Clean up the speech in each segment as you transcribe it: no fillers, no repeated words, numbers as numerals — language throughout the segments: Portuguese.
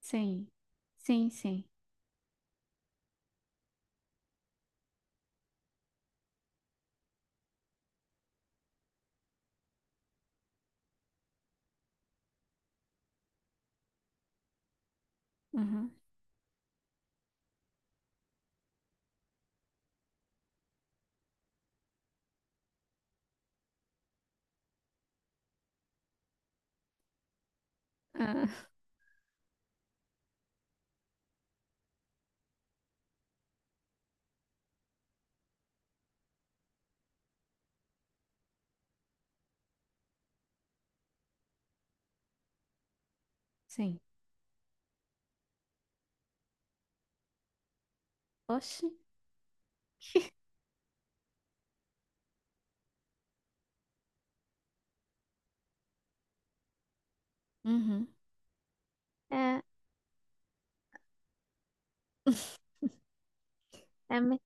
Sim, sim, sim. Uhum. Ah, sim. Oxi. Uhum. É, é, me,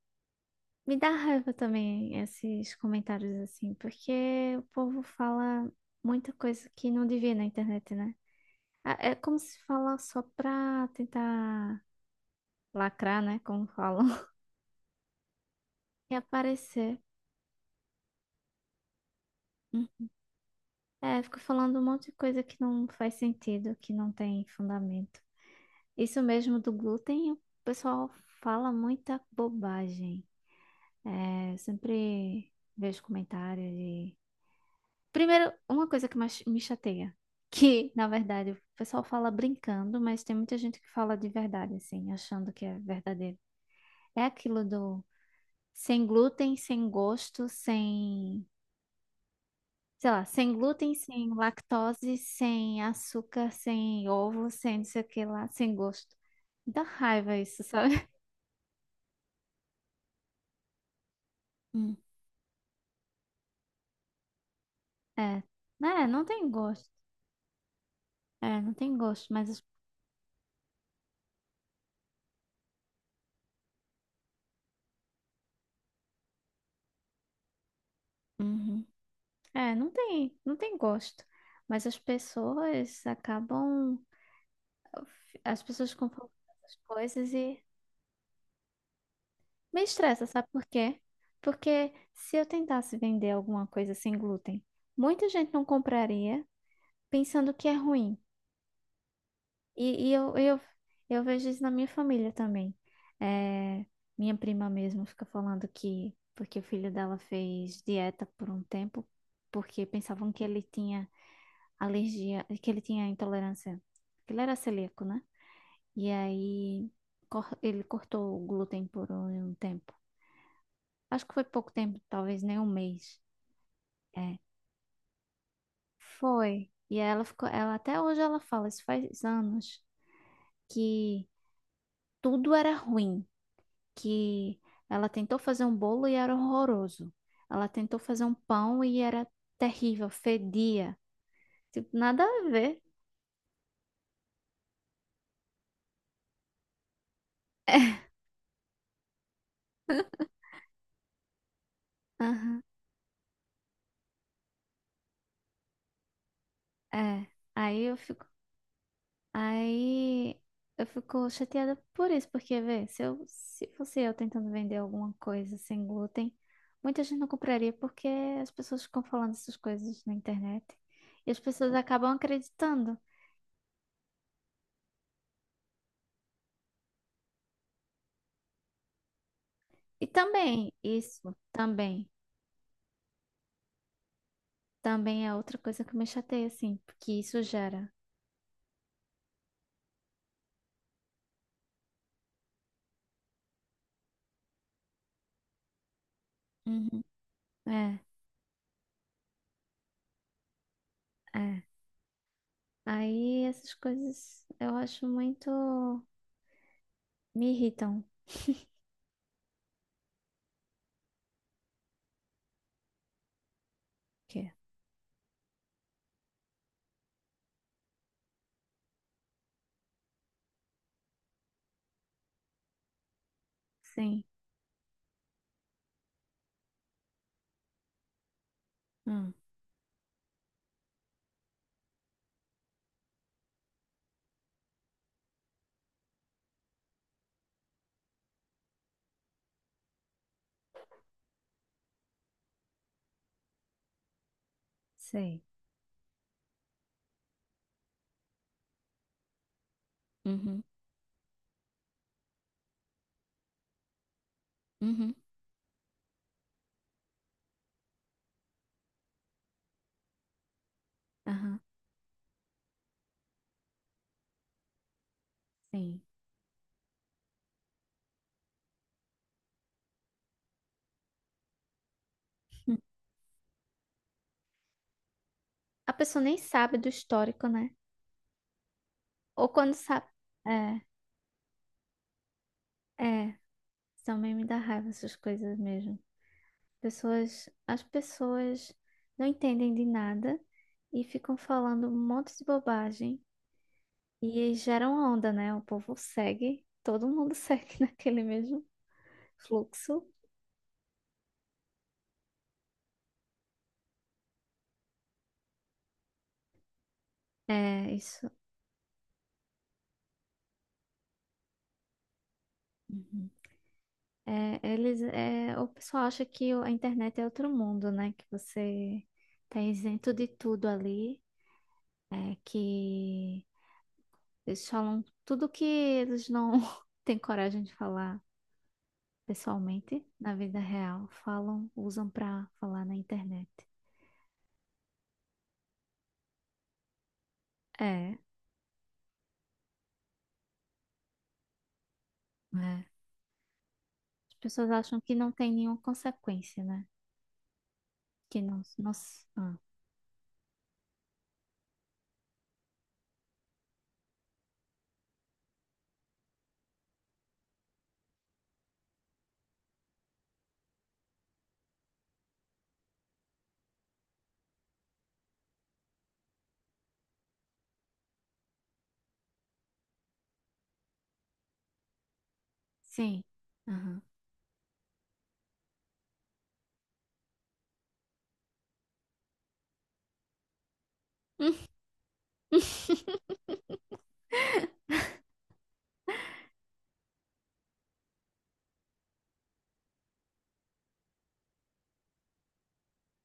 me dá raiva também esses comentários assim, porque o povo fala muita coisa que não devia na internet, né? É é como se fala só pra tentar lacrar, né? Como falam, e aparecer. Hum. É, fico falando um monte de coisa que não faz sentido, que não tem fundamento. Isso mesmo do glúten, o pessoal fala muita bobagem. É, sempre vejo comentários de. Primeiro, uma coisa que mais me chateia, que na verdade o pessoal fala brincando, mas tem muita gente que fala de verdade, assim, achando que é verdadeiro. É aquilo do sem glúten, sem gosto, sem. Sei lá, sem glúten, sem lactose, sem açúcar, sem ovo, sem não sei o que lá, sem gosto. Dá raiva isso, sabe? Hum. É, é, não tem gosto. É, não tem gosto, mas. Uhum. É, não tem gosto. Mas as pessoas acabam, as pessoas confundem as coisas e me estressa, sabe por quê? Porque se eu tentasse vender alguma coisa sem glúten, muita gente não compraria pensando que é ruim. E eu vejo isso na minha família também. É, minha prima mesmo fica falando que porque o filho dela fez dieta por um tempo, porque pensavam que ele tinha alergia, que ele tinha intolerância, que ele era celíaco, né? E aí ele cortou o glúten por um tempo. Acho que foi pouco tempo, talvez nem um mês. É, foi. E aí ela ficou, ela até hoje ela fala, isso faz anos, que tudo era ruim, que ela tentou fazer um bolo e era horroroso. Ela tentou fazer um pão e era terrível, fedia. Tipo, nada a ver. Aham, é. Aí eu fico Aí eu fico chateada por isso, porque, vê, se eu, se fosse eu tentando vender alguma coisa sem glúten, muita gente não compraria porque as pessoas ficam falando essas coisas na internet e as pessoas acabam acreditando. E também, isso, também, também é outra coisa que me chateia, assim, porque isso gera. Uhum. É, é. Aí essas coisas eu acho muito. Me irritam. O quê? Sim. Hum, sei. Uhum. Uhum. Aham. Sim. Hum. A pessoa nem sabe do histórico, né? Ou quando sabe. É, é. Também me dá raiva essas coisas mesmo. Pessoas, as pessoas não entendem de nada e ficam falando um monte de bobagem e aí geram onda, né? O povo segue, todo mundo segue naquele mesmo fluxo. É isso. Uhum. É, eles, é, o pessoal acha que a internet é outro mundo, né? Que você tá isento de tudo ali. É que eles falam tudo que eles não têm coragem de falar pessoalmente na vida real, falam, usam pra falar na internet. É, é. As pessoas acham que não tem nenhuma consequência, né? Que não, não, ah, sim. Aham. Hum.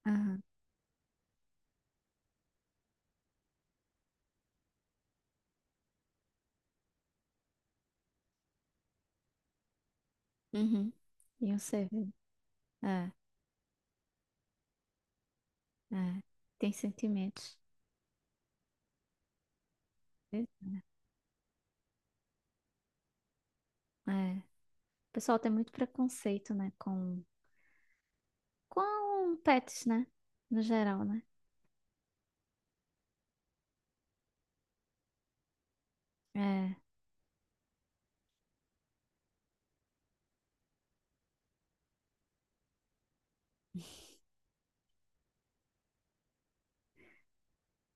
Aham. Uhum. E um ser vivo. É, é. Tem sentimentos. É. É. O pessoal tem muito preconceito, né? Com pets, né? No geral, né? É.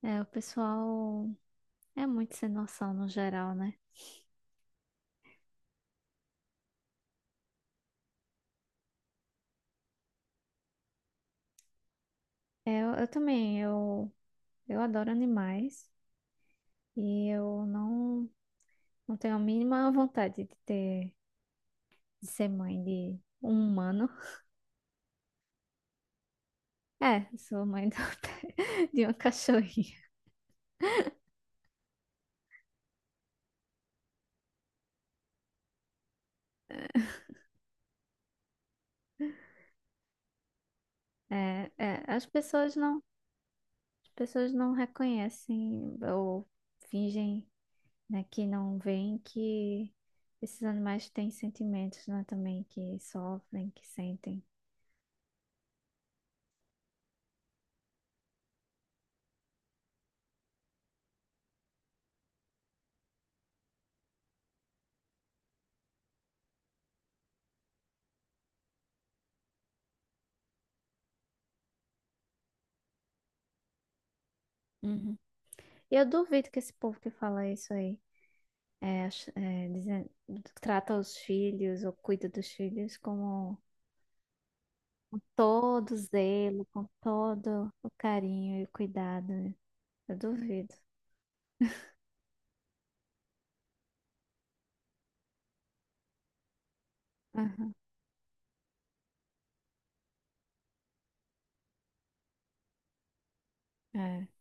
É, o pessoal é muito sem noção no geral, né? É, eu também, eu adoro animais e eu não, não tenho a mínima vontade de ter, de ser mãe de um humano. É, eu sou mãe de uma cachorrinha. É, é, as pessoas não reconhecem ou fingem, né, que não veem que esses animais têm sentimentos, né, também, que sofrem, que sentem. Uhum. E eu duvido que esse povo que fala isso aí, é, é, dizendo- trata os filhos ou cuida dos filhos como todo zelo, com todo o carinho e cuidado. Né? Eu duvido. Aham, é.